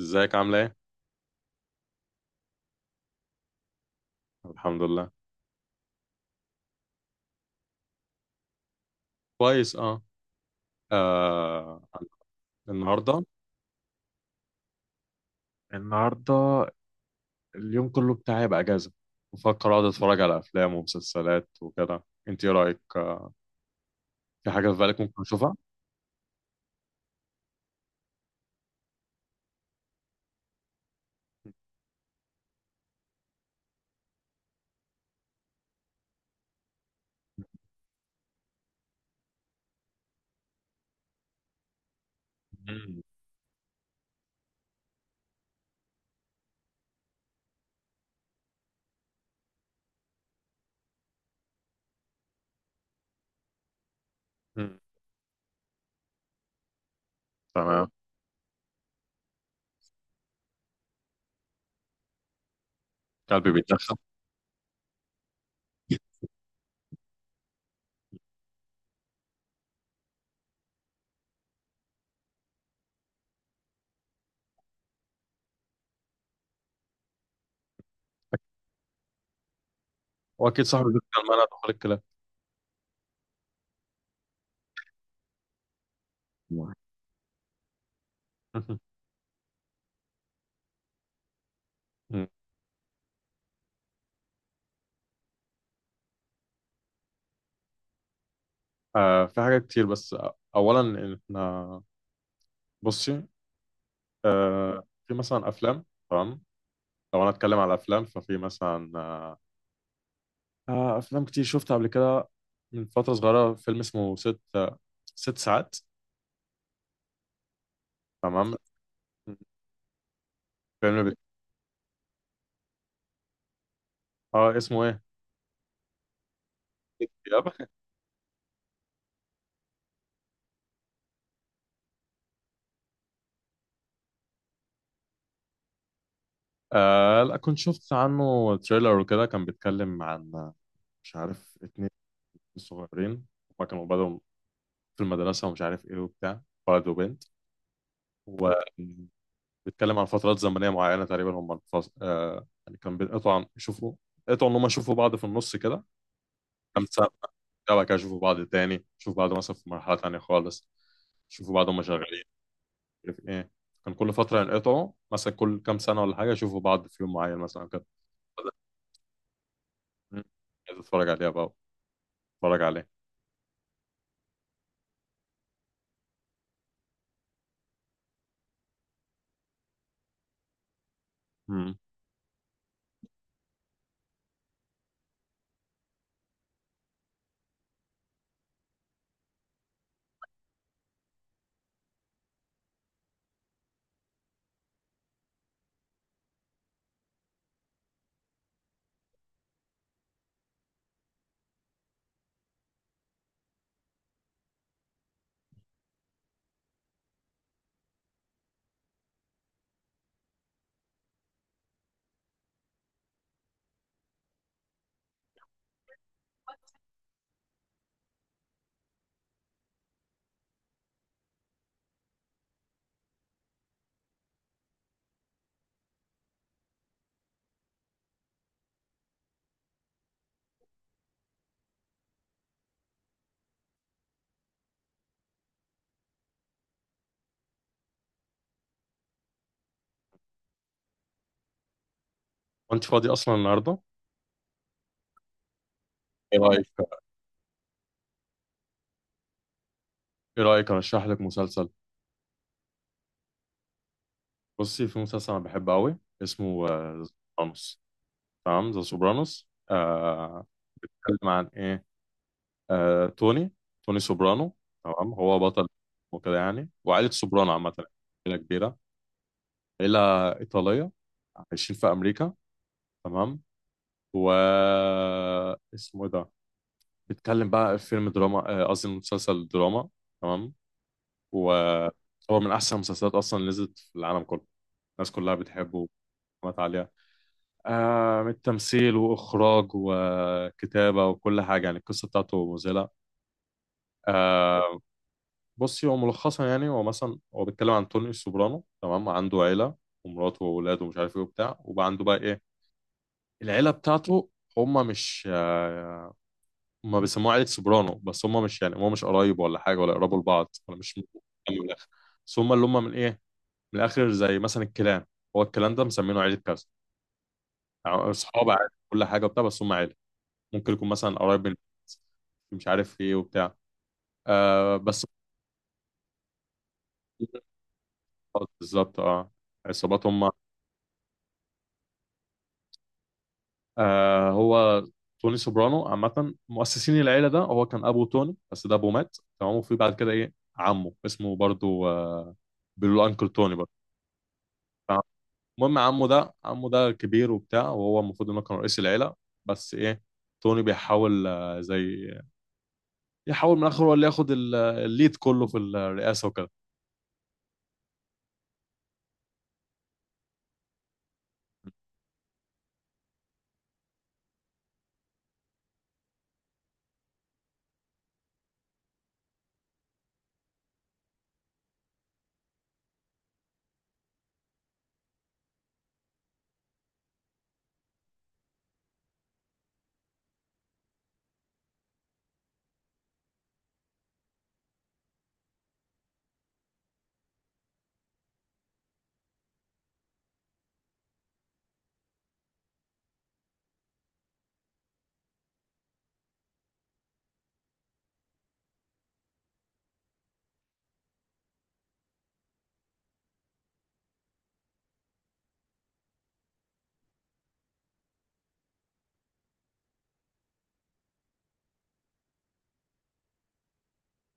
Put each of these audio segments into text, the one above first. ازيك عامله ايه؟ الحمد لله. كويس، اه، آه. النهارده النهارده اليوم كله بتاعي يبقى اجازه. بفكر اقعد اتفرج على افلام ومسلسلات وكده، انت ايه رايك؟ آه. في حاجه في بالك ممكن اشوفها؟ مم. مم. تمام. قلبي بيتدخل. واكيد صاحبي بيتكلم انا ادخل الكلام. مم. آه. في حاجات كتير، بس اولا احنا بصي. في مثلا افلام، تمام. لو انا اتكلم على افلام ففي مثلا افلام كتير شفتها قبل كده. من فتره صغيره فيلم اسمه ست ست ساعات. تمام. فيلم بت... اه، اسمه ايه؟ يب. آه، لا، كنت شفت عنه تريلر وكده. كان بيتكلم عن مش عارف اتنين صغيرين. هما كانوا بدأوا في المدرسة، ومش عارف ايه وبتاع، ولد وبنت. وبيتكلم عن فترات زمنية معينة، تقريبا هما الفص... آه يعني كان بيقطعوا يشوفوا، قطعوا ان هما يشوفوا بعض في النص كده. خمسة. وبعد كده يشوفوا بعض تاني، يشوفوا بعض مثلا في مرحلة تانية خالص، يشوفوا بعض هما شغالين، مش عارف ايه. كان كل فترة ينقطعوا مثلا كل كام سنة ولا حاجة، يشوفوا بعض في يوم معين مثلا كده. مم. عايز اتفرج عليها بقى، اتفرج عليه. مم. وانت فاضي اصلا النهاردة؟ ايه رأيك ايه رأيك ارشح لك مسلسل؟ بصي، في مسلسل انا بحبه قوي، اسمه سوبرانوس. تمام، ذا سوبرانوس. بيتكلم عن ايه؟ آه، توني توني سوبرانو. تمام، هو بطل وكده يعني، وعائلة سوبرانو عامة، عائلة كبيرة، عائلة إيطالية، عايشين في أمريكا. تمام. و اسمه إيه ده، بيتكلم بقى في فيلم دراما، قصدي مسلسل دراما. تمام. وهو من أحسن المسلسلات أصلا اللي نزلت في العالم كله، الناس كلها بتحبه ومات عليها. من التمثيل وإخراج وكتابة وكل حاجة، يعني القصة بتاعته مذهلة. آه، بصي هو ملخصا يعني هو مثلا هو بيتكلم عن توني السوبرانو. تمام، عنده عيلة ومراته وأولاده ومش عارف إيه وبتاع، وبقى عنده بقى إيه العيلة بتاعته. هما مش هما بيسموها عيلة سوبرانو، بس هما مش يعني هما مش قرايب ولا حاجة ولا يقربوا لبعض ولا مش من الآخر. بس هما اللي هما من إيه، من الآخر زي مثلا الكلان. هو الكلان ده مسمينه عيلة كذا، يعني أصحاب عادي كل حاجة وبتاع، بس هما عيلة. ممكن يكون مثلا قرايب من، مش عارف إيه وبتاع، آه بس. بالظبط، اه، عصابات هم. هو توني سوبرانو عامة، مؤسسين العيلة ده هو كان أبو توني، بس ده أبوه مات. تمام، وفي بعد كده إيه عمه اسمه برضو بيقولوا له أنكل توني برضو. المهم عمه ده كبير وبتاع، وهو المفروض إنه كان رئيس العيلة. بس إيه، توني بيحاول آه زي يحاول من الآخر هو اللي ياخد الليد كله في الرئاسة وكده.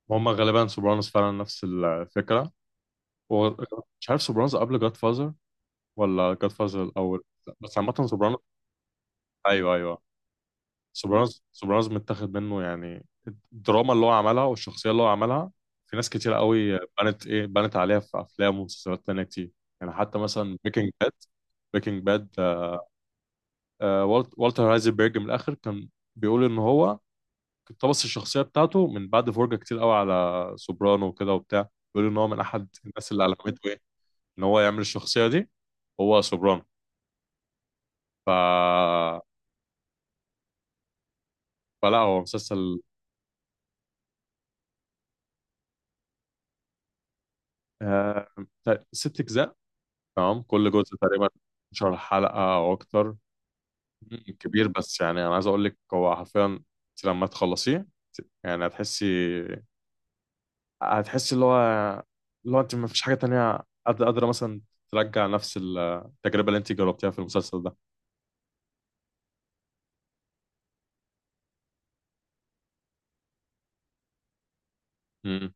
وهم غالبا سوبرانوس فعلا نفس الفكرة، ومش عارف سوبرانوس قبل جاد فازر ولا جاد فازر الأول، بس عامة سوبرانوس. أيوه، أيوه. سوبرانوس سوبرانوس متاخد منه يعني، الدراما اللي هو عملها والشخصية اللي هو عملها، في ناس كتير قوي بنت ايه بنت عليها في افلام ومسلسلات تانية كتير. يعني حتى مثلا بريكنج باد، بريكنج باد والتر هايزنبرج. من الاخر كان بيقول ان هو اقتبس الشخصية بتاعته من بعد فرجة كتير قوي على سوبرانو وكده وبتاع، بيقول ان هو من احد الناس اللي علمته ايه ان هو يعمل الشخصية دي، هو سوبرانو. ف... فلا هو مسلسل. آه، ست اجزاء. تمام، كل جزء تقريبا 12 حلقة أو أكتر. مم. كبير، بس يعني أنا عايز أقول لك هو حرفيا أنت لما تخلصيه، يعني هتحسي اللي هو أنت ما فيش حاجة تانية قادرة مثلا ترجع نفس التجربة اللي أنت جربتيها في المسلسل ده. مم.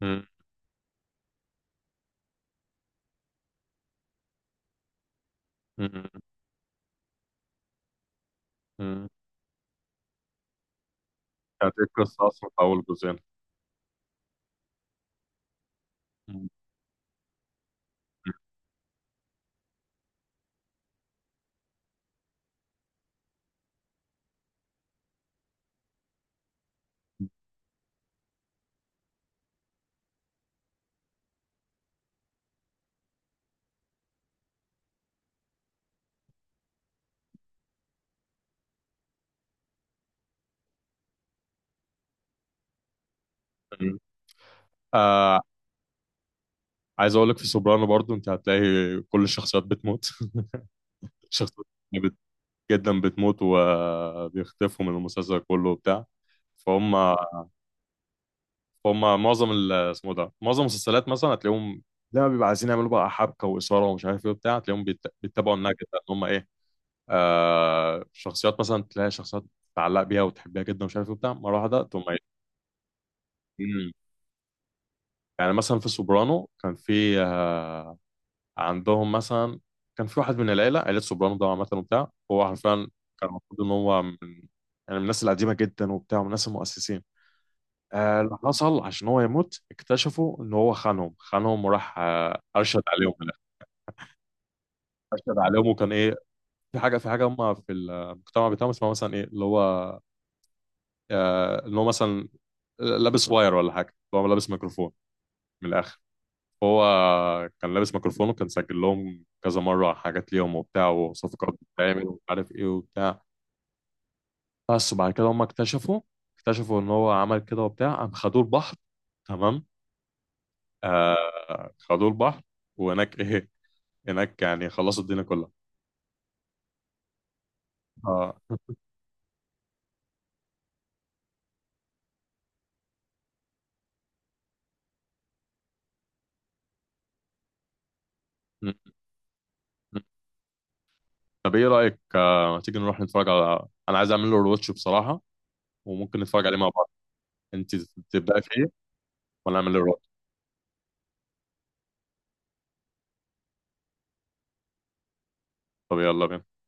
مم. مم. مم. كانت إيه القصة أصلا في أول جزئين؟ مم. مم. آه عايز أقول لك في سوبرانو برضو أنت هتلاقي كل الشخصيات بتموت. شخصيات جدا بتموت وبيختفوا من المسلسل كله وبتاع، فهم فهم معظم اسمه ده معظم المسلسلات مثلا هتلاقيهم لما بيبقى عايزين يعملوا بقى حبكه واثاره ومش عارف ايه وبتاع، هتلاقيهم بيتبعوا النهج ده ان هم ايه. شخصيات مثلا تلاقي شخصيات تعلق بيها وتحبها جدا ومش عارف ايه وبتاع، مره واحده تقوم ميت. مم. يعني مثلا في سوبرانو كان في عندهم مثلا، كان في واحد من العيله عيله سوبرانو ده عامه وبتاع، هو حرفيا كان المفروض ان هو من يعني من الناس القديمه جدا وبتاع ومن الناس المؤسسين. اللي حصل عشان هو يموت، اكتشفوا ان هو خانهم، خانهم وراح ارشد عليهم في الآخر. ارشد عليهم، وكان ايه، في حاجه هم في المجتمع بتاعهم اسمها مثلا ايه اللي هو ان هو مثلا لابس واير ولا حاجه، هو لابس ميكروفون. من الاخر هو كان لابس ميكروفون، وكان سجل لهم كذا مره حاجات ليهم وبتاع وصفقات بتتعمل ومش عارف ايه وبتاع. بس وبعد كده هم اكتشفوا ان هو عمل كده وبتاع، قام خدوه البحر. تمام، خدوه البحر، وهناك ايه، هناك يعني خلصوا الدنيا كلها. آه. م- م. طب ايه رأيك ما تيجي نروح نتفرج على، انا عايز اعمل له روتش بصراحة، وممكن نتفرج عليه مع بعض. انت تبدأ فيه وانا اعمل له روتش. طب يلا بينا.